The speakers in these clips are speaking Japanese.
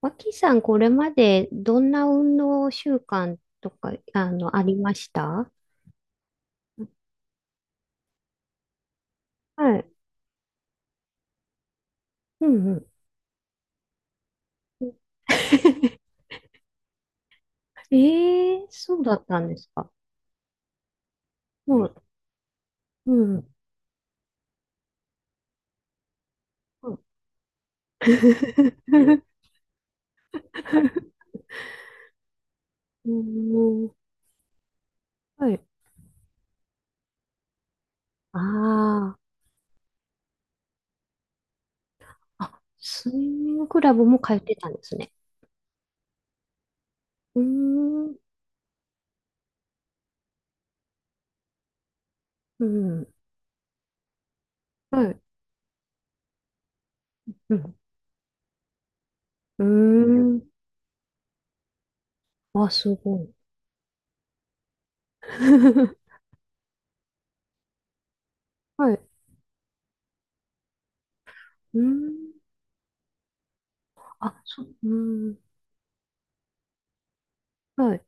脇さん、これまでどんな運動習慣とか、ありました？はい。うんうん。ええー、そうだったんですか。もう、うん。うん。うん。はい。あーあ、スイミングクラブも通ってたんですね。うーん。うん。はい。うん。うーん。あ、すごい。はい。うーん。あ、そう。うーん。はい。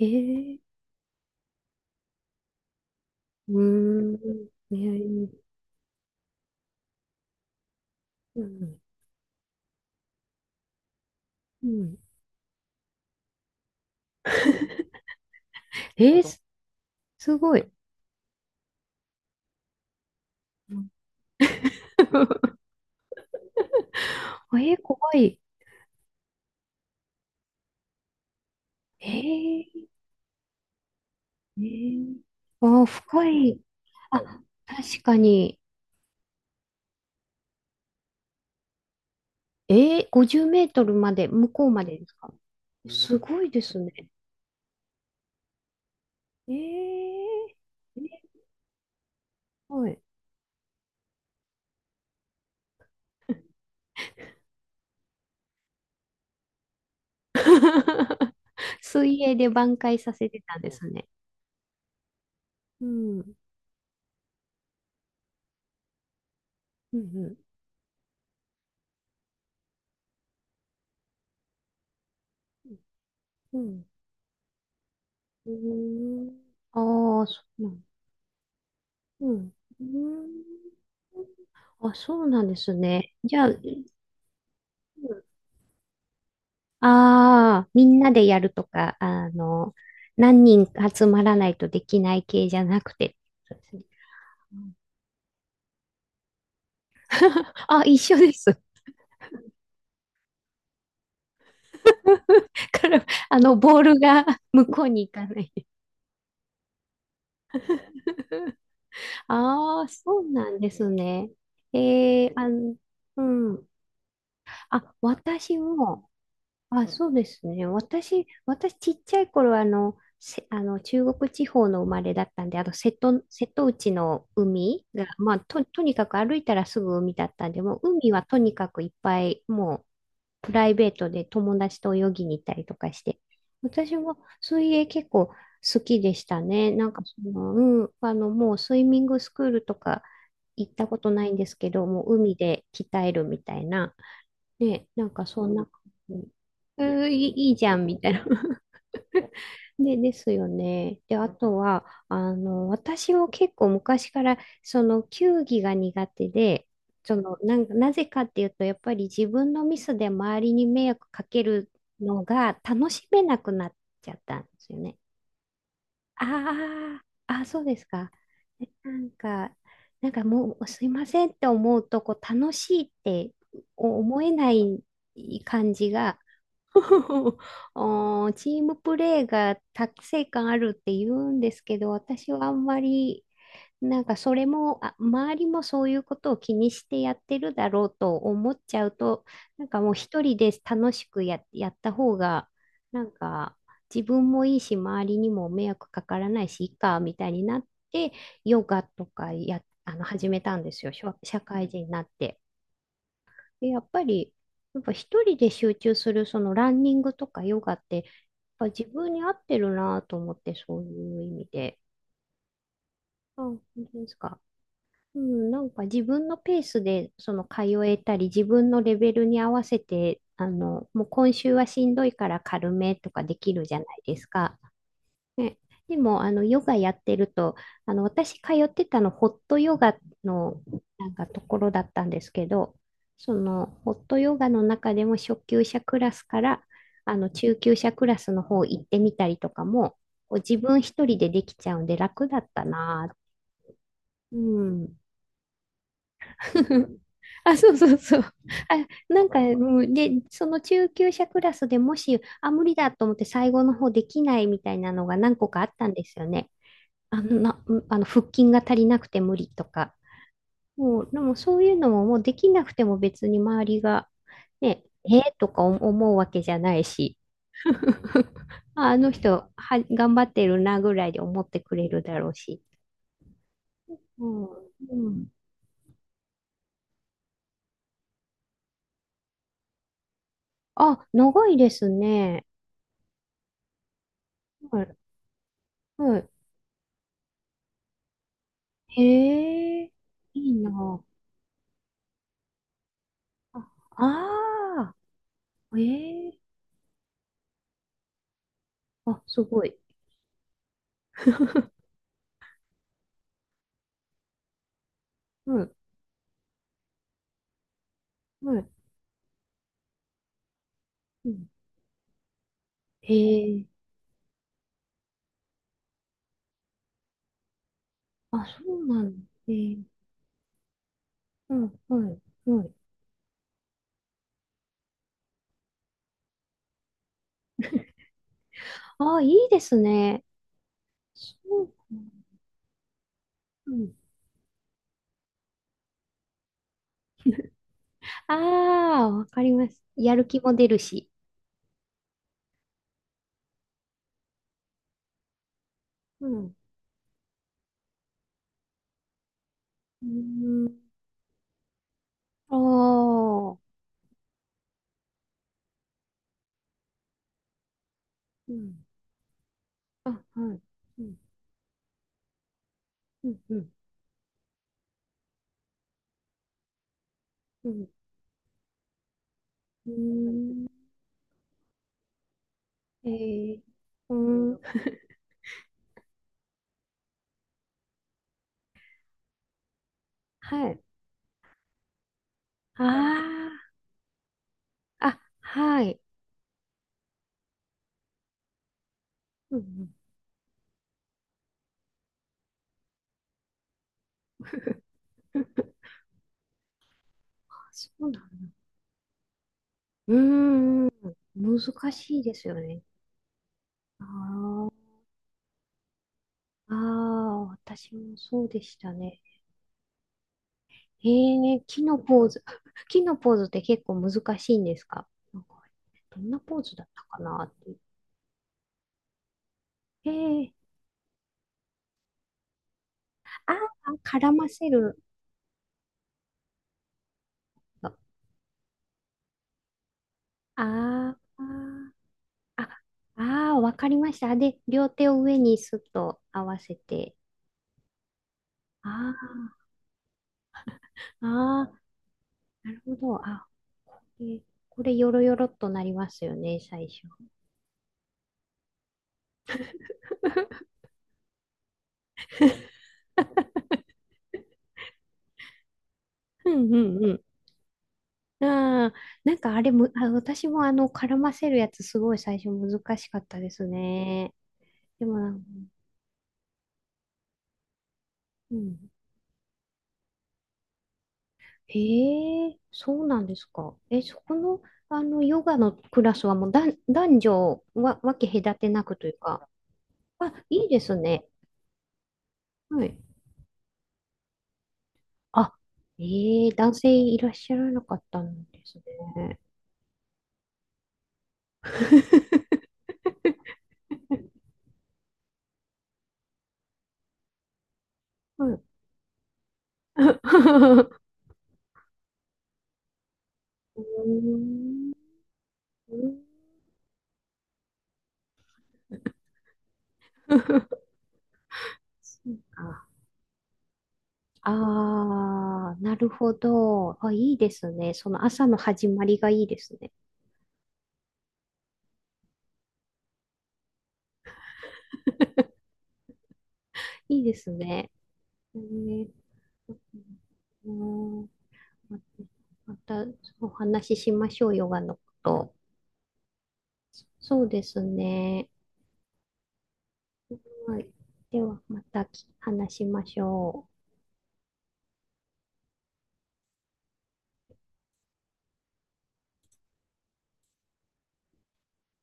ええ。うーん。うん。うん。えー、すすごい。うん。 怖い。えー、えー、あー、深い。あ、確かに。50メートルまで、向こうまでですか？すごいですね。えー、えはい。水泳で挽回させてたんですね。うん。うん。うん。うん。うーん。ああ、そうなん。うん。うーん。あ、そうなんですね。じゃあ、ああー、みんなでやるとか、何人か集まらないとできない系じゃなくて。そうですね。うん。 あ、一緒です。から、ボールが 向こうに行かない。ああ、そうなんですね。えー、あの、うん。あ、私も、あ、そうですね。私ちっちゃい頃はあの、せ、あの中国地方の生まれだったんで、瀬戸内の海が、まあ、とにかく歩いたらすぐ海だったんで、もう海はとにかくいっぱい、もうプライベートで友達と泳ぎに行ったりとかして、私も水泳結構好きでしたね。なんかその、うん、もうスイミングスクールとか行ったことないんですけど、もう海で鍛えるみたいな。ね、なんかそんな感じ。いいじゃん、みたいな。で、ですよね。で、あとは、私も結構昔から、その、球技が苦手で、その、なんか、なぜかっていうと、やっぱり自分のミスで周りに迷惑かけるのが楽しめなくなっちゃったんですよね。ああ、あ、そうですか。なんか、もうすいませんって思うと、こう楽しいって思えない感じが、おーチームプレーが達成感あるって言うんですけど、私はあんまりなんかそれも、あ、周りもそういうことを気にしてやってるだろうと思っちゃうと、なんかもう一人で楽しくやった方が、なんか自分もいいし、周りにも迷惑かからないし、いいか、みたいになって、ヨガとかや、あの、始めたんですよ、社会人になって。で、やっぱ一人で集中する、そのランニングとかヨガって、やっぱ自分に合ってるなと思って、そういう意味で。あ、本当ですか。うん、なんか自分のペースでその通えたり、自分のレベルに合わせて、もう今週はしんどいから軽めとかできるじゃないですか。ね、でも、ヨガやってると、私通ってたの、ホットヨガのなんかところだったんですけど、その、ホットヨガの中でも初級者クラスから、中級者クラスの方行ってみたりとかも、こう自分一人でできちゃうんで楽だったなぁ。うん。あ、そうそうそう。あ、なんか、もう、で、その中級者クラスでもし、あ、無理だと思って最後の方できないみたいなのが何個かあったんですよね。あの、な、あの腹筋が足りなくて無理とか。もう、でもそういうのももうできなくても別に周りが、ね、えーとか思うわけじゃないし。ああの人は、頑張ってるなぐらいで思ってくれるだろうし。うん。うん、あ、長いですね。はい。はい。へえ、いいなあ。ああー、ええ、あ、すごい。うん、はい、うん。へえ、あ、そうなの。へえ、うん、はい、はい。ああ、いいですね。そうかな。うん。ああ、わかります。やる気も出るし。うん。うーん。ああ、うん。あ、はい。うん、うん、うん、うん。うーん。ええ、うーん。はい。ああ。あ、はい。うんうん。あ、そうなの。うーん。難しいですよね。ああ、ああ、私もそうでしたね。ええ、木のポーズ。木のポーズって結構難しいんですか？なんか、どんなポーズだったかなって。ええ、ああ、絡ませるの。ああ、ああー、わかりました。で、両手を上にスッと合わせて。ああ、ああ、なるほど。あえ、これよろよろっとなりますよね、最初。うんうんうん。ああ、なんかあれむ、あ、私も絡ませるやつすごい最初難しかったですね。でもなんか、うん。へえ、そうなんですか。え、そこの、ヨガのクラスはもう男女は、分け隔てなくというか、あ、いいですね。はい。あ、ええ、男性いらっしゃらなかったんですね。はい。うーん。うん。そうか。ああ、なるほど。あ、いいですね。その朝の始まりがいいですね。いいですね。えーうん。またお話ししましょう、ヨガのこと。そうですね。はい。では、また話しましょう。